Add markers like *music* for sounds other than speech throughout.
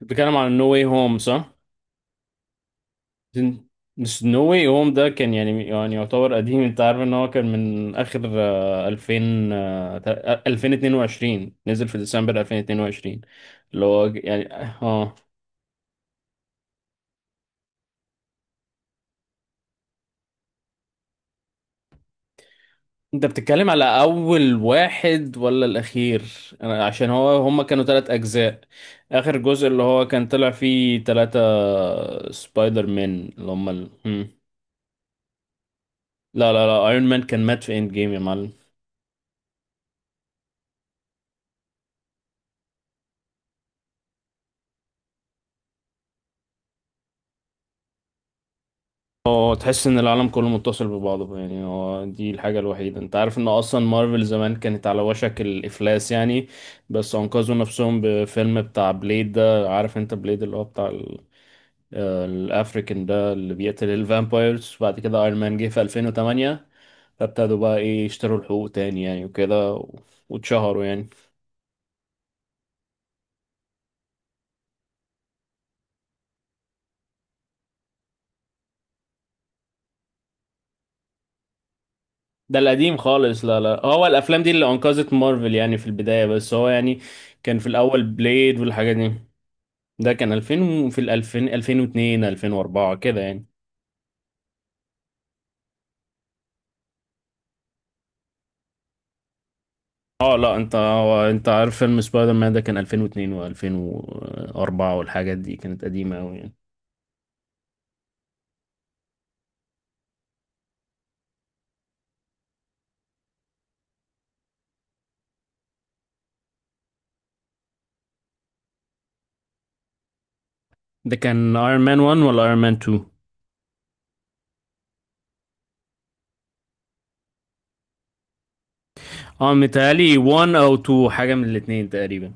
بتتكلم عن نو واي هوم صح؟ بس نو واي هوم ده كان يعني يعتبر قديم، انت عارف ان هو كان من اخر 2000 2022، نزل في ديسمبر 2022. اللي هو ج- يعني اه انت بتتكلم على اول واحد ولا الاخير؟ انا عشان هو هما كانوا ثلاث اجزاء، اخر جزء اللي هو كان طلع فيه ثلاثة سبايدر مان، اللي هما ال... هم. لا لا لا، ايرون مان كان مات في اند جيم يا معلم. هو تحس ان العالم كله متصل ببعضه، يعني هو دي الحاجة الوحيدة. انت عارف ان اصلا مارفل زمان كانت على وشك الافلاس يعني، بس انقذوا نفسهم بفيلم بتاع بليد، ده عارف انت بليد اللي هو بتاع الافريكان ده اللي بيقتل الفامبايرز. بعد كده ايرون مان جه في 2008، فابتدوا بقى ايه يشتروا الحقوق تاني يعني وكده واتشهروا يعني. ده القديم خالص، لا لا، هو الافلام دي اللي انقذت مارفل يعني في البداية، بس هو يعني كان في الاول بليد والحاجات دي. ده كان 2000 في ال 2000 2002 2004 كده يعني. اه لا، انت عارف فيلم سبايدر مان ده كان 2002 و2004 والحاجات دي كانت قديمة قوي يعني. ده كان ايرون مان 1 ولا ايرون مان 2؟ اه متهيألي 1 او 2، حاجة من الاتنين تقريبا.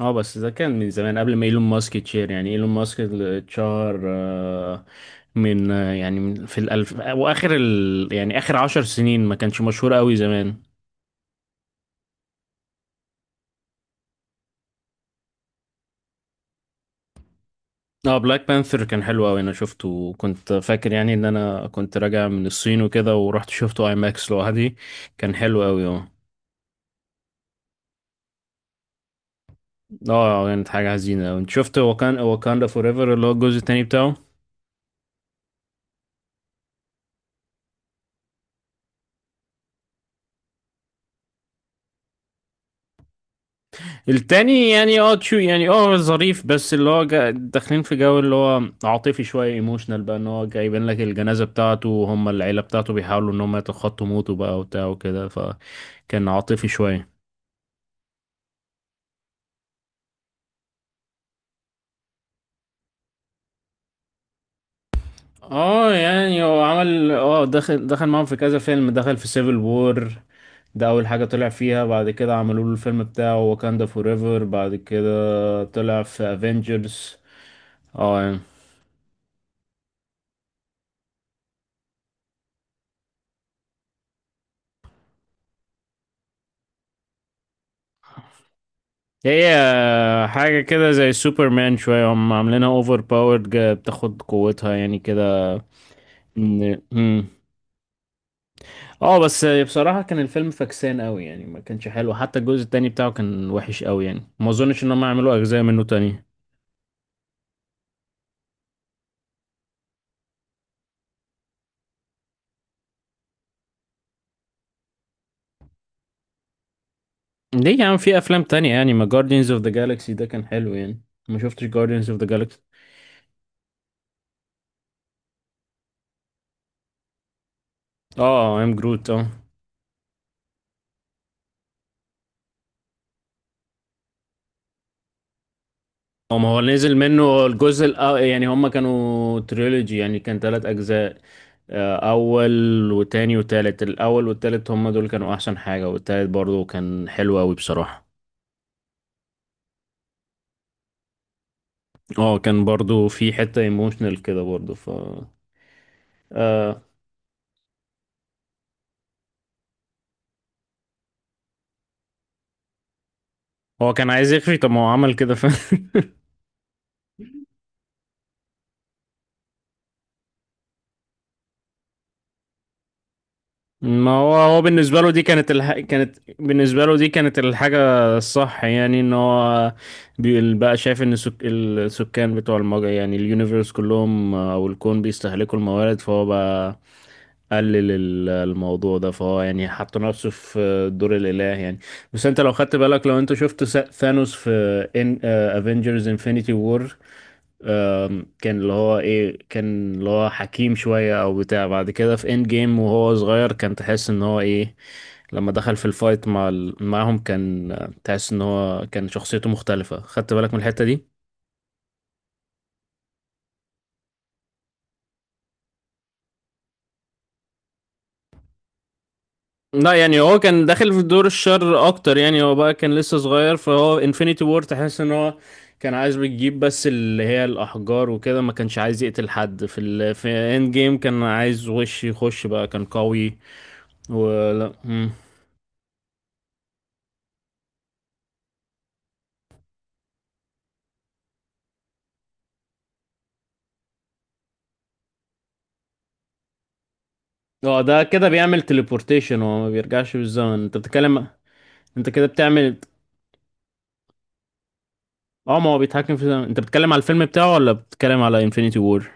اه بس ده كان من زمان قبل ما ايلون ماسك يتشير، يعني ايلون ماسك اللي اتشهر آه، من آه، يعني من- في الالف واخر يعني اخر عشر سنين، ما كانش مشهور قوي زمان. اه بلاك بانثر كان حلو قوي، انا شفته وكنت فاكر يعني ان انا كنت راجع من الصين وكده، ورحت شفته اي ماكس لوحدي. كان حلو قوي اه. اه كانت حاجة حزينة. انت شفت وكان واكاندا فور ايفر اللي هو الجزء التاني بتاعه؟ التاني يعني اه تشو، يعني اه ظريف، بس اللي هو داخلين في جو اللي هو عاطفي شوية، ايموشنال بقى، ان هو جايبين لك الجنازة بتاعته وهم العيلة بتاعته بيحاولوا ان هم يتخطوا موته بقى وبتاع وكده، فكان عاطفي شوية. اه يعني هو عمل اه دخل معاهم في كذا فيلم، دخل في سيفل وور، ده اول حاجة طلع فيها. بعد كده عملوا له الفيلم بتاعه واكاندا فور ايفر، بعد كده طلع في افنجرز. اه يعني هي حاجة كده زي سوبرمان شوية، هم عاملينها اوفر باورد، بتاخد قوتها يعني كده. مم. اه بس بصراحة كان الفيلم فكسان قوي يعني، ما كانش حلو. حتى الجزء التاني بتاعه كان وحش قوي يعني، ما اظنش ان هم يعملوا اجزاء منه تاني. ليه يا عم، في افلام تانية يعني، ما جاردينز اوف ذا جالاكسي ده كان حلو يعني. ما شفتش جاردينز اوف ذا جالاكسي. اه ام جروت اه. هو ما هو نزل منه يعني هما كانوا تريلوجي يعني، كان ثلاث اجزاء، اول وتاني وتالت. الاول والتالت هما دول كانوا احسن حاجة، والتالت برضو كان حلو قوي بصراحة. اه كان برضو في حتة ايموشنال كده برضو. آه هو كان عايز يخفي، طب ما هو عمل كده فاهم *laughs* ما هو بالنسبة له دي كانت بالنسبة له دي كانت الحاجة الصح يعني، ان هو بقى شايف ان السكان بتوع المجرة، يعني اليونيفرس كلهم او الكون بيستهلكوا الموارد، فهو بقى قلل الموضوع ده، فهو يعني حط نفسه في دور الإله يعني. بس انت لو خدت بالك، لو انت شفت ثانوس في ان افنجرز انفينيتي وور، كان اللي هو ايه، كان اللي هو حكيم شوية او بتاع. بعد كده في اند جيم وهو صغير كان تحس ان هو ايه، لما دخل في الفايت مع معهم كان، تحس ان هو كان شخصيته مختلفة، خدت بالك من الحتة دي؟ لا يعني، هو كان داخل في دور الشر اكتر يعني، هو بقى كان لسه صغير، فهو انفينيتي وور تحس ان هو كان عايز بيجيب بس اللي هي الاحجار وكده، ما كانش عايز يقتل حد في في اند جيم، كان عايز وش يخش بقى، كان قوي. ولا اه، ده كده بيعمل تليبورتيشن، هو ما بيرجعش بالزمن انت بتتكلم. انت كده بتعمل. اه ما هو بيتحكم في الزمن، انت بتتكلم على الفيلم بتاعه ولا بتتكلم على انفينيتي وور؟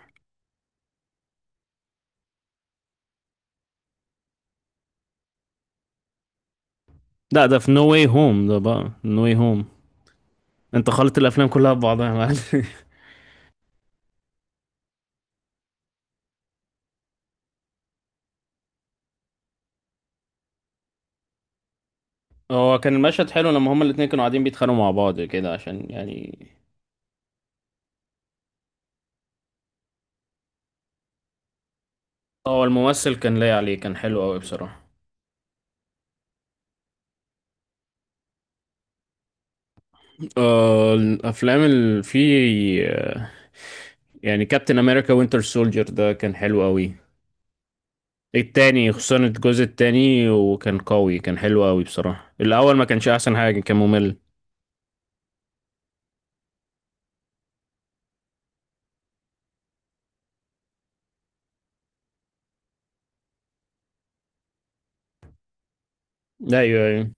لا ده في نو واي هوم، ده بقى نو واي هوم. انت خلط الافلام كلها ببعضها يا معلم *laughs* هو كان المشهد حلو لما هما الاتنين كانوا قاعدين بيتخانقوا مع بعض كده عشان يعني. هو الممثل كان لايق عليه، كان حلو قوي بصراحة. الافلام اللي فيه، يعني كابتن امريكا وينتر سولجر ده كان حلو قوي. التاني خصوصا، الجزء التاني وكان قوي كان حلو قوي بصراحة. الأول ما كانش أحسن حاجة، كان ممل. أيوه أيوه،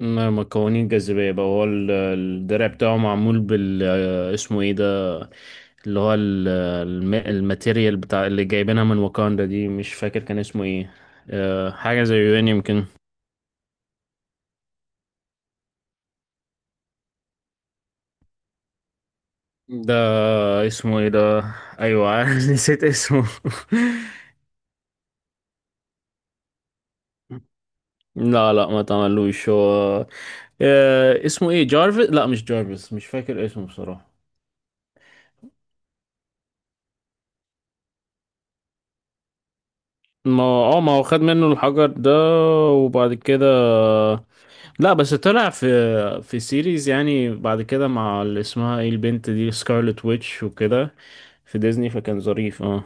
ما قوانين الجاذبية بقى. هو الدرع بتاعه معمول بال، اسمه ايه ده، اللي هو الماتيريال بتاع اللي جايبينها من واكاندا دي، مش فاكر كان اسمه ايه، حاجة زي يوني يمكن. ده اسمه ايه ده؟ ايوه *laughs* نسيت اسمه *laughs* لا لا، ما تعملوش هو. اسمه ايه، جارفيس؟ لا مش جارفيس، مش فاكر اسمه بصراحة. ما هو خد منه الحجر ده، وبعد كده لا بس طلع في سيريز يعني بعد كده، مع اللي اسمها ايه البنت دي، سكارلت ويتش وكده، في ديزني، فكان ظريف اه.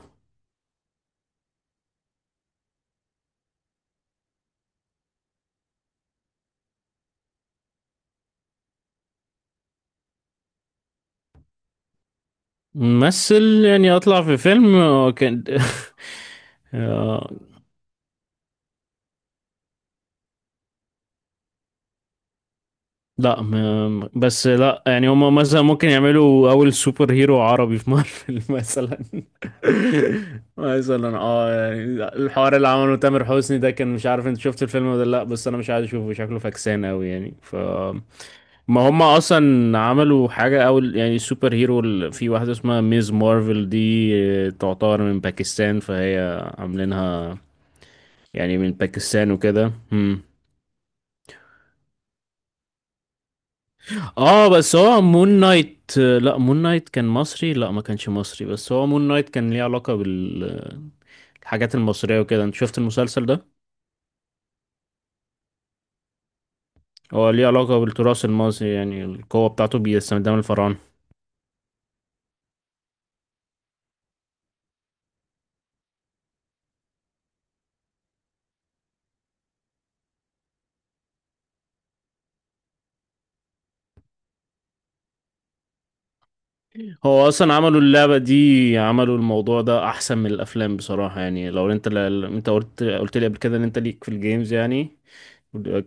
ممثل يعني اطلع في فيلم كان *laughs* لا بس لا، يعني هما مثلا ممكن يعملوا اول سوبر هيرو عربي في مارفل *laughs* مثلا. مثلا اه يعني الحوار اللي عمله تامر حسني ده، كان مش عارف انت شفت الفيلم ولا لا، بس انا مش عايز اشوفه، شكله فكسان قوي يعني. ما هما اصلا عملوا حاجة، اول يعني سوبر هيرو في واحدة اسمها ميز مارفل دي، تعتبر من باكستان، فهي عاملينها يعني من باكستان وكده. اه بس هو مون نايت، لا مون نايت كان مصري، لا ما كانش مصري، بس هو مون نايت كان ليه علاقة بال الحاجات المصرية وكده، انت شفت المسلسل ده؟ هو ليه علاقة بالتراث المصري، يعني القوة بتاعته بيستخدمها الفراعنة. هو أصلا عملوا اللعبة دي، عملوا الموضوع ده أحسن من الأفلام بصراحة يعني. لو أنت أنت قلت لي قبل كده إن أنت ليك في الجيمز يعني،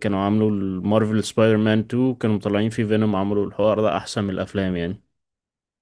كانوا عاملوا المارفل سبايدر مان 2 كانوا مطلعين فيه فينوم، عملوا الحوار ده أحسن من الأفلام يعني